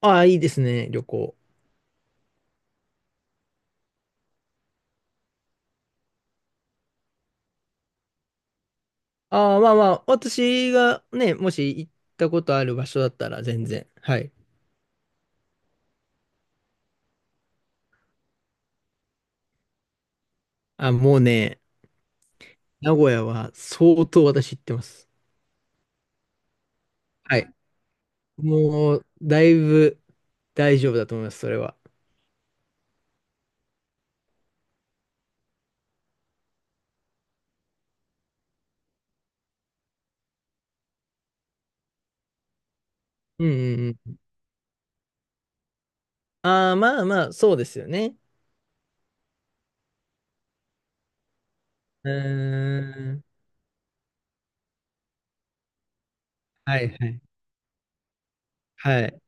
ああ、いいですね、旅行。ああ、まあまあ、私がね、もし行ったことある場所だったら全然。はい。あ、もうね、名古屋は相当私行ってます。はい。もう、だいぶ大丈夫だと思います、それは。うんうんうん。ああ、まあまあ、そうですよね。うーん。はいはい。はい。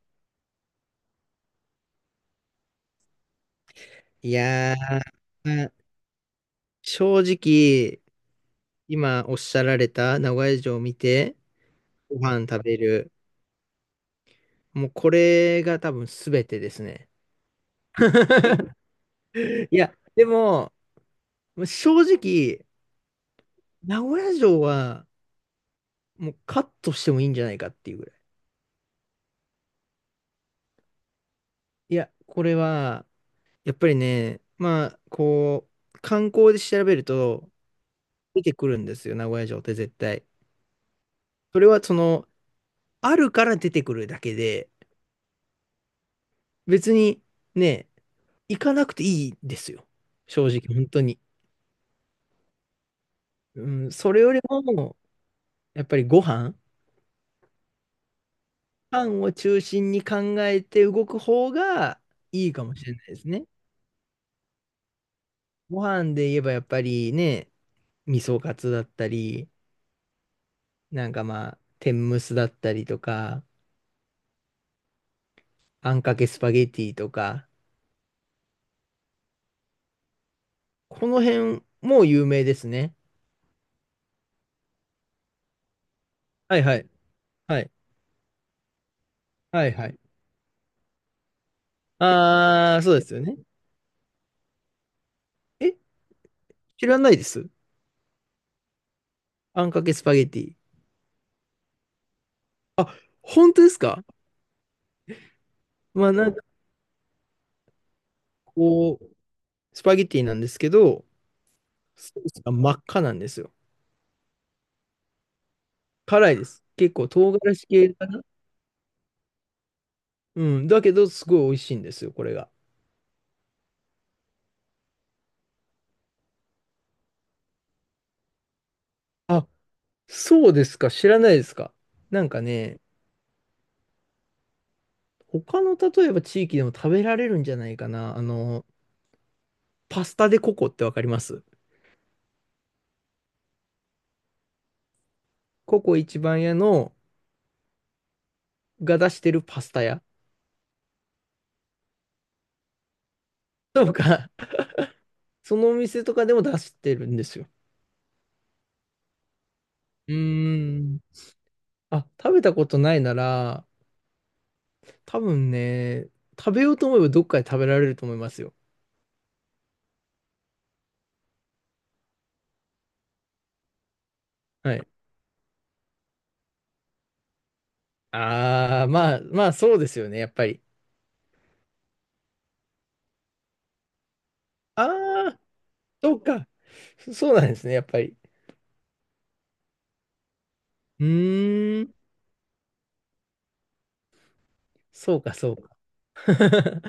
いやー、まあ正直、今おっしゃられた名古屋城を見て、ご飯食べる。もうこれが多分全てですね。いや、でも、正直、名古屋城はもうカットしてもいいんじゃないかっていうぐらい。いや、これは、やっぱりね、まあ、こう、観光で調べると出てくるんですよ、名古屋城って絶対。それはその、あるから出てくるだけで、別にね、行かなくていいですよ。正直、本当に。うん、それよりも、やっぱりご飯パンを中心に考えて動く方がいいかもしれないですね。ご飯で言えばやっぱりね、味噌カツだったり、なんかまあ、天むすだったりとか、あんかけスパゲティとか、この辺も有名ですね。はいはい。はい。はいはい。あー、そうですよね。え、知らないです。あんかけスパゲティ。あ、本当ですか？まあなんかこう、スパゲティなんですけど、ソースが真っ赤なんですよ。辛いです。結構唐辛子系かな？うん。だけど、すごい美味しいんですよ、これが。あ、そうですか。知らないですか。なんかね、他の例えば地域でも食べられるんじゃないかな。あの、パスタでココってわかります？ココ一番屋のが出してるパスタ屋とか、そのお店とかでも出してるんですよ。うーん。あ、食べたことないなら、多分ね、食べようと思えばどっかで食べられると思いますよ。はい。ああ、まあ、まあそうですよね、やっぱり。ああ、そうか。そうなんですね、やっぱり。うーん、そうか、そうか。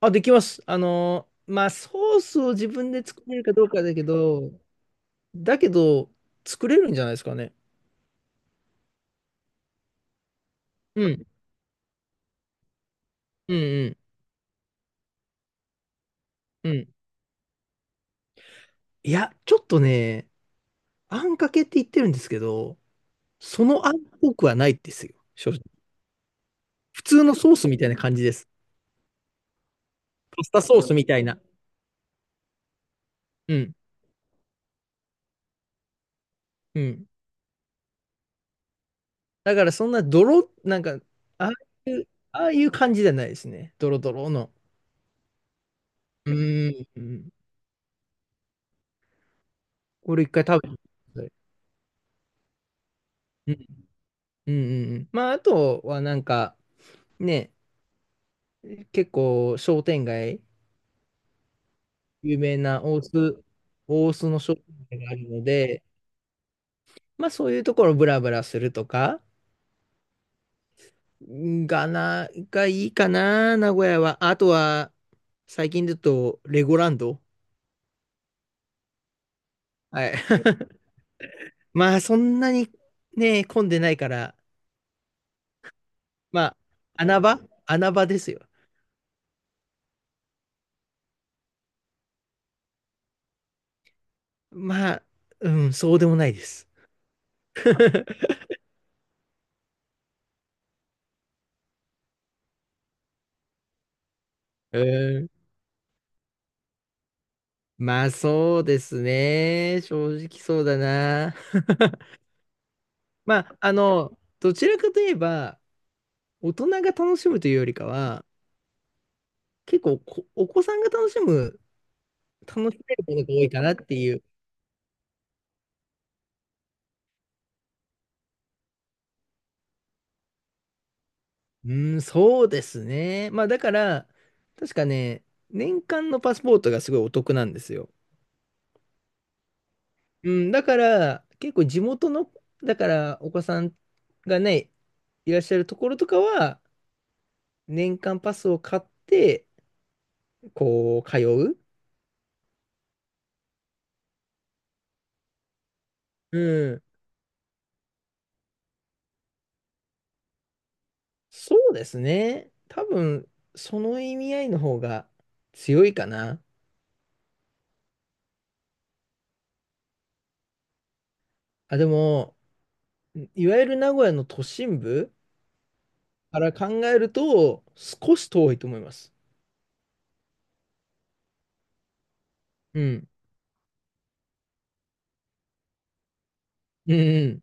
あ、できます。まあ、ソースを自分で作れるかどうかだけど、だけど、作れるんじゃないですかね。うん、うん、うん、うん。いや、ちょっとね、あんかけって言ってるんですけど、そのあんっぽくはないですよ、正直。普通のソースみたいな感じです。パスタソースみたいな。うん、うん。だからそんな泥、なんか、ああああいう感じじゃないですね。ドロドロの。うーん。うんこれ一回食べてみてください。うんうんうんうん。まあ、あとはなんか、ね、結構商店街、有名な大須、大須の商店街があるので、まあそういうところブラブラするとか、がいいかな、名古屋は。あとは、最近だと、レゴランド。はい。まあそんなにね、混んでないから、まあ、穴場穴場ですよ。まあ、うん、そうでもないです。うん。まあ、そうですね。正直そうだな。まあ、あの、どちらかといえば、大人が楽しむというよりかは、結構お子さんが楽しむ、楽しめるものが多いかなっていう。うん、そうですね。まあ、だから、確かね、年間のパスポートがすごいお得なんですよ。うん、だから、結構地元の、だから、お子さんがね、いらっしゃるところとかは、年間パスを買って、こう、通う。うん。そうですね。多分、その意味合いの方が強いかな。あ、でも、いわゆる名古屋の都心部から考えると、少し遠いと思います。うん。うんうん。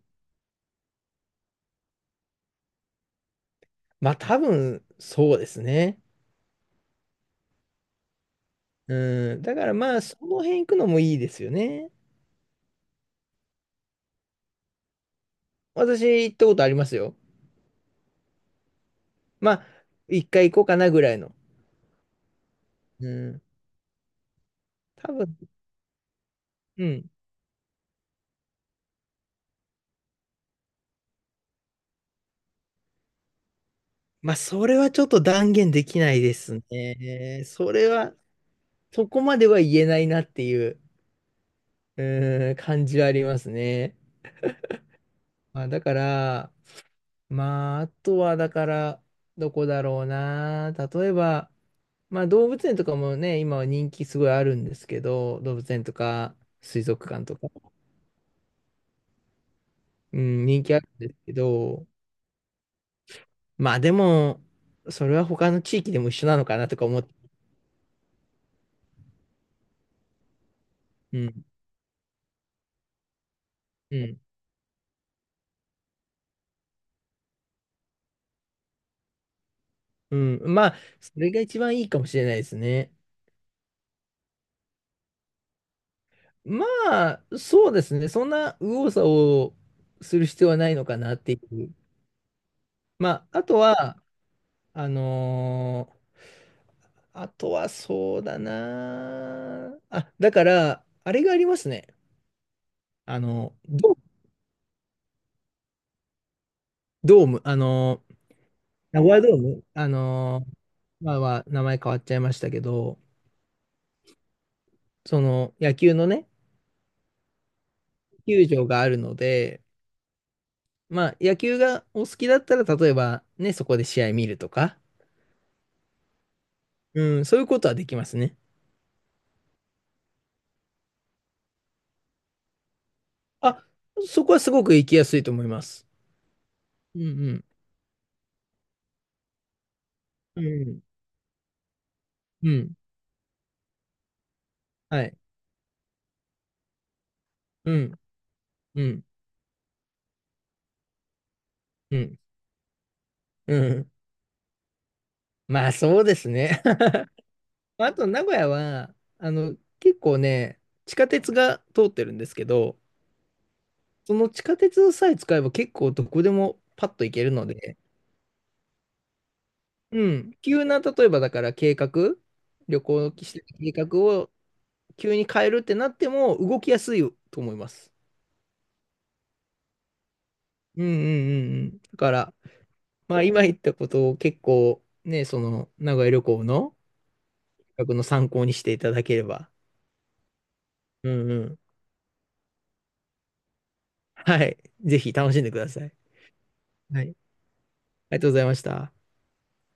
まあ、多分、そうですね。うん。だからまあ、その辺行くのもいいですよね。私行ったことありますよ。まあ、一回行こうかなぐらいの。うん。多分、うん。まあ、それはちょっと断言できないですね。それは、そこまでは言えないなっていう、うん、感じはありますね。まあ、だから、まあ、あとは、だから、どこだろうな。例えば、まあ、動物園とかもね、今は人気すごいあるんですけど、動物園とか、水族館とか、うん、人気あるんですけど、まあでも、それは他の地域でも一緒なのかなとか思って、うん、うん、うん。まあ、それが一番いいかもしれないですね。まあ、そうですね。そんな右往左往する必要はないのかなっていう。まあ、あとは、あのーあとはそうだなあ。あ、だから、あれがありますね。あの、ドーム、あの、名古屋ドーム、あの、まあまあ、名前変わっちゃいましたけど、その野球のね、球場があるので、まあ、野球がお好きだったら、例えばね、そこで試合見るとか、うん、そういうことはできますね。あ、そこはすごく行きやすいと思います。うんうん。うん。うん。はい。うん。うん。うん。うん。まあ、そうですね。あと、名古屋は、あの、結構ね、地下鉄が通ってるんですけど、その地下鉄さえ使えば結構どこでもパッと行けるので、うん。急な、例えばだから計画、旅行のしてた計画を急に変えるってなっても動きやすいと思います。うんうんうんうん。だから、まあ今言ったことを結構ね、その名古屋旅行の企画の参考にしていただければ。うんうん。はい。ぜひ楽しんでください。はい。ありがとうございました。